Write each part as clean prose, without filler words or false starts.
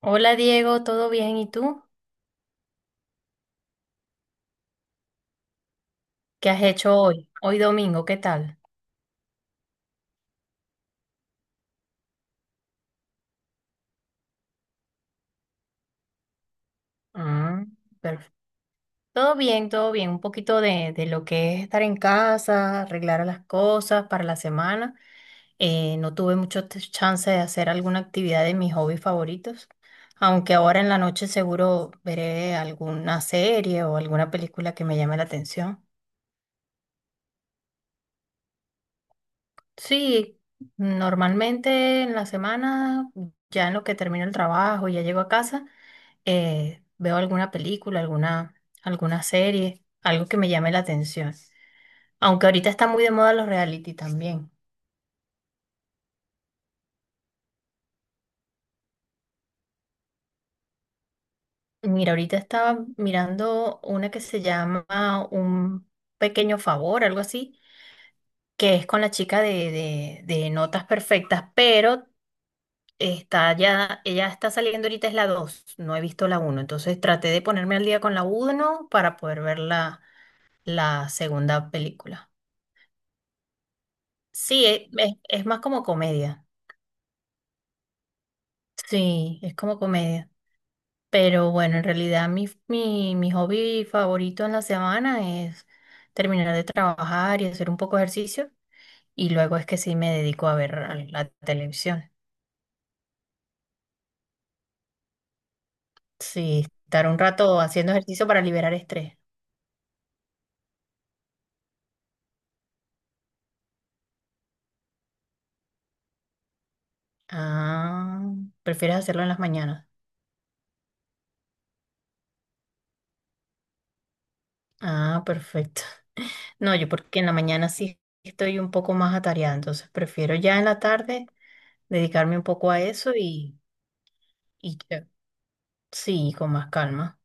Hola Diego, ¿todo bien? ¿Y tú? ¿Qué has hecho hoy? Hoy domingo, ¿qué tal? Ah, perfecto. Todo bien, todo bien. Un poquito de lo que es estar en casa, arreglar las cosas para la semana. No tuve mucho chance de hacer alguna actividad de mis hobbies favoritos, aunque ahora en la noche seguro veré alguna serie o alguna película que me llame la atención. Sí, normalmente en la semana, ya en lo que termino el trabajo, ya llego a casa, veo alguna película, alguna serie, algo que me llame la atención. Aunque ahorita está muy de moda los reality también. Mira, ahorita estaba mirando una que se llama Un pequeño favor, algo así, que es con la chica de Notas Perfectas, pero ella está saliendo ahorita es la 2. No he visto la uno, entonces traté de ponerme al día con la uno para poder ver la segunda película. Sí, es más como comedia, sí, es como comedia, pero bueno, en realidad mi hobby favorito en la semana es terminar de trabajar y hacer un poco de ejercicio y luego es que sí me dedico a ver a la televisión, sí, estar un rato haciendo ejercicio para liberar estrés. Ah, ¿prefieres hacerlo en las mañanas? Ah, perfecto. No, yo porque en la mañana sí estoy un poco más atareada, entonces prefiero ya en la tarde dedicarme un poco a eso y ya. Sí,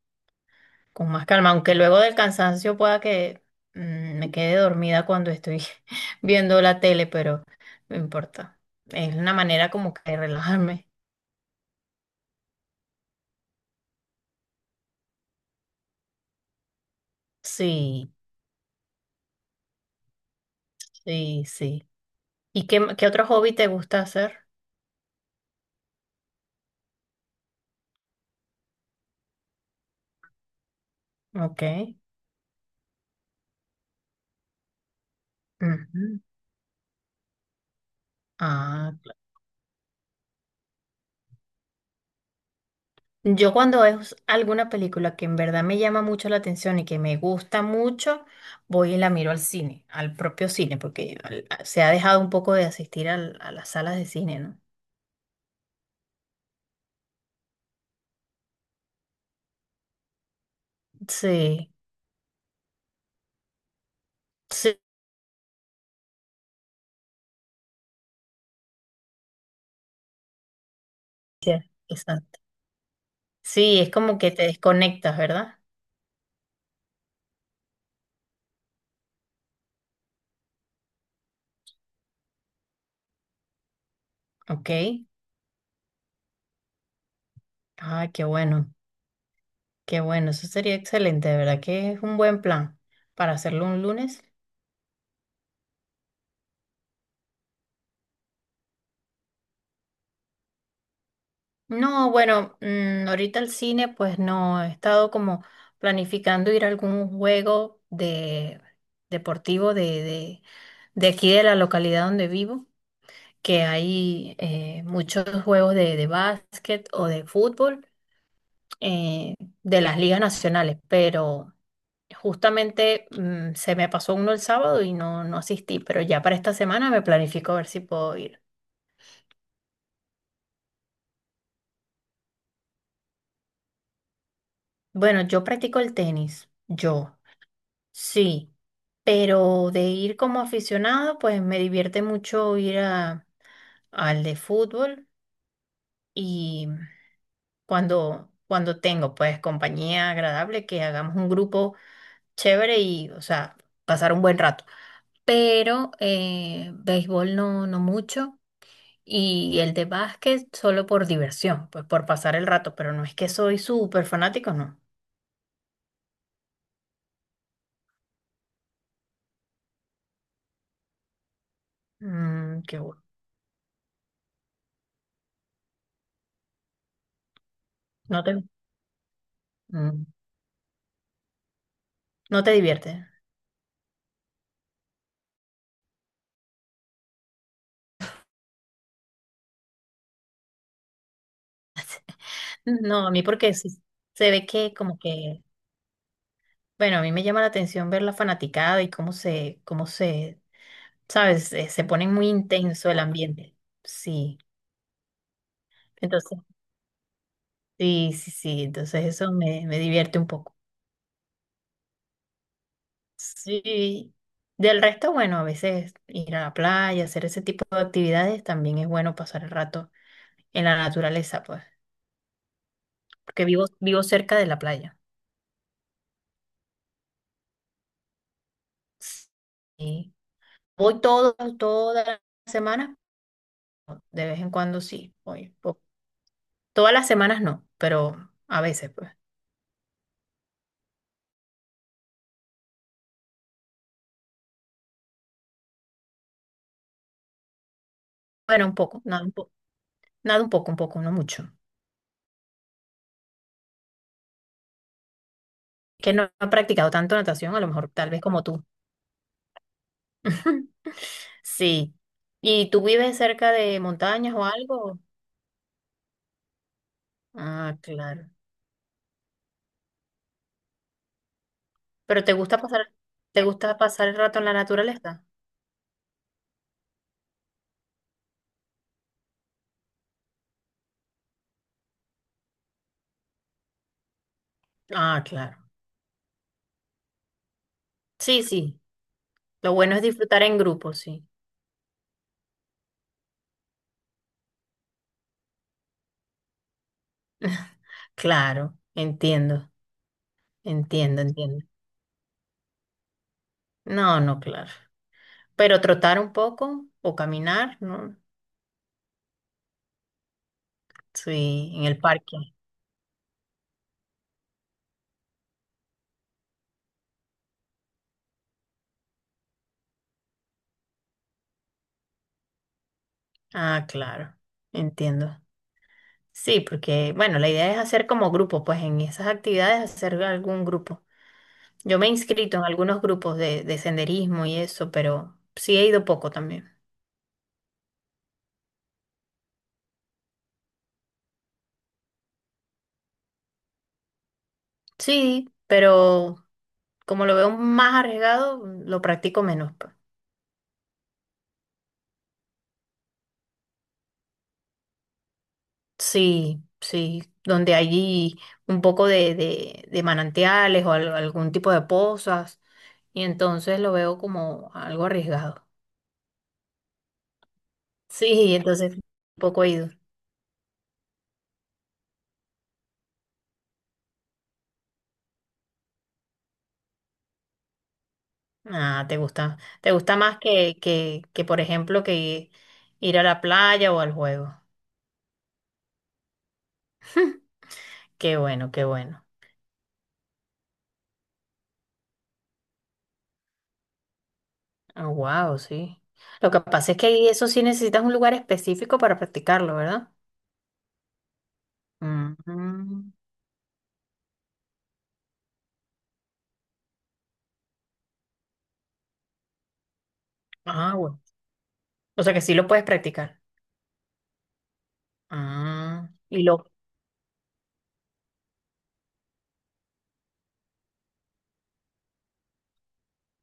con más calma, aunque luego del cansancio pueda que me quede dormida cuando estoy viendo la tele, pero no importa. Es una manera como que de relajarme. Sí, sí, sí. ¿Y qué otro hobby te gusta hacer? Ok. Ujú. Ah, yo cuando es alguna película que en verdad me llama mucho la atención y que me gusta mucho, voy y la miro al cine, al propio cine, porque se ha dejado un poco de asistir a las salas de cine, ¿no? Sí, sí, sí, exacto. Sí, es como que te desconectas, ¿verdad? Ok. Ah, qué bueno, eso sería excelente, de verdad que es un buen plan para hacerlo un lunes. No, bueno, ahorita el cine, pues no, he estado como planificando ir a algún juego de deportivo de aquí de la localidad donde vivo, que hay muchos juegos de básquet o de fútbol eh, de las ligas nacionales, pero justamente se me pasó uno el sábado y no asistí, pero ya para esta semana me planifico a ver si puedo ir. Bueno, yo practico el tenis, yo. Sí, pero de ir como aficionado, pues me divierte mucho ir al de fútbol y cuando tengo pues compañía agradable, que hagamos un grupo chévere y, o sea, pasar un buen rato. Pero béisbol no, no mucho y el de básquet solo por diversión, pues por pasar el rato, pero no es que soy súper fanático, no. Qué bueno. No te, mm, no te divierte. No, a mí porque sí se ve que como que, bueno, a mí me llama la atención ver la fanaticada y cómo se, sabes, se pone muy intenso el ambiente. Sí, entonces, sí, sí, sí, entonces eso me divierte un poco. Sí, del resto, bueno, a veces ir a la playa, hacer ese tipo de actividades, también es bueno pasar el rato en la naturaleza, pues, porque vivo cerca de la playa. Sí. Voy todas las semanas, ¿no? De vez en cuando sí, oye, todas las semanas no, pero a veces, pues. Bueno, un poco, nada, un poco, nada, un poco, no mucho. Que no he practicado tanto natación, a lo mejor tal vez como tú. Sí. ¿Y tú vives cerca de montañas o algo? Ah, claro. ¿Pero te gusta pasar el rato en la naturaleza? Ah, claro. Sí, sí. Lo bueno es disfrutar en grupo, sí. Claro, entiendo, entiendo, entiendo. No, no, claro. Pero trotar un poco o caminar, ¿no? Sí, en el parque. Ah, claro, entiendo. Sí, porque, bueno, la idea es hacer como grupo, pues en esas actividades hacer algún grupo. Yo me he inscrito en algunos grupos de senderismo y eso, pero sí he ido poco también. Sí, pero como lo veo más arriesgado, lo practico menos, pues. Sí, sí, donde hay un poco de manantiales o algún tipo de pozas, y entonces lo veo como algo arriesgado. Sí, entonces poco he ido. Ah, te gusta más que, por ejemplo, que ir a la playa o al juego. Qué bueno, qué bueno. Wow, sí. Lo que pasa es que ahí eso sí necesitas un lugar específico para practicarlo, ¿verdad? Ujú. Ah, bueno. O sea que sí lo puedes practicar. Ah, Y lo,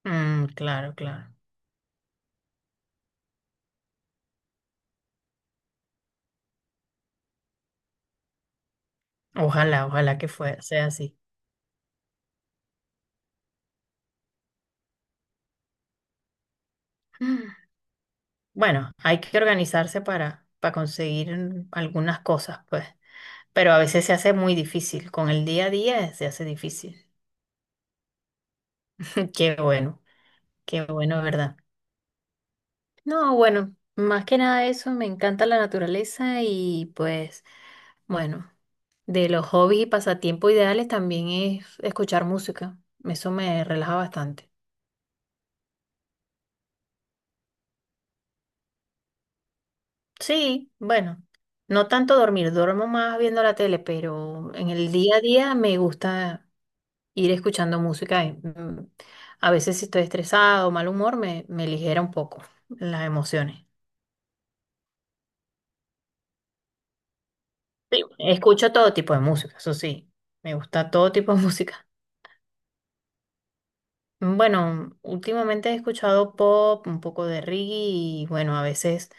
mm, claro, claro. Ojalá, ojalá que sea así. Mm, Bueno, hay que organizarse para conseguir algunas cosas, pues. Pero a veces se hace muy difícil. Con el día a día se hace difícil. Qué bueno, qué bueno, ¿verdad? No, bueno, más que nada eso, me encanta la naturaleza y pues, bueno, de los hobbies y pasatiempos ideales también es escuchar música. Eso me relaja bastante. Sí, bueno, no tanto dormir, duermo más viendo la tele, pero en el día a día me gusta ir escuchando música, y, a veces si estoy estresado o mal humor, me ligera un poco las emociones. Sí, escucho todo tipo de música, eso sí, me gusta todo tipo de música. Bueno, últimamente he escuchado pop, un poco de reggae y bueno, a veces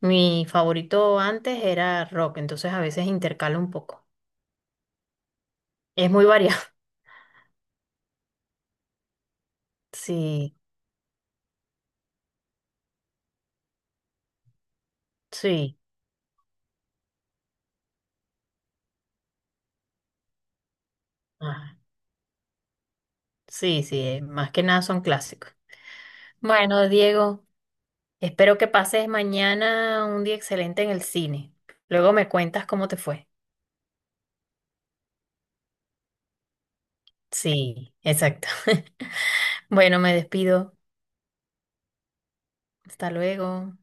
mi favorito antes era rock, entonces a veces intercalo un poco. Es muy variado. Sí, sí. Ah, sí, sí, más que nada son clásicos. Bueno, Diego, espero que pases mañana un día excelente en el cine. Luego me cuentas cómo te fue. Sí, exacto. Bueno, me despido. Hasta luego.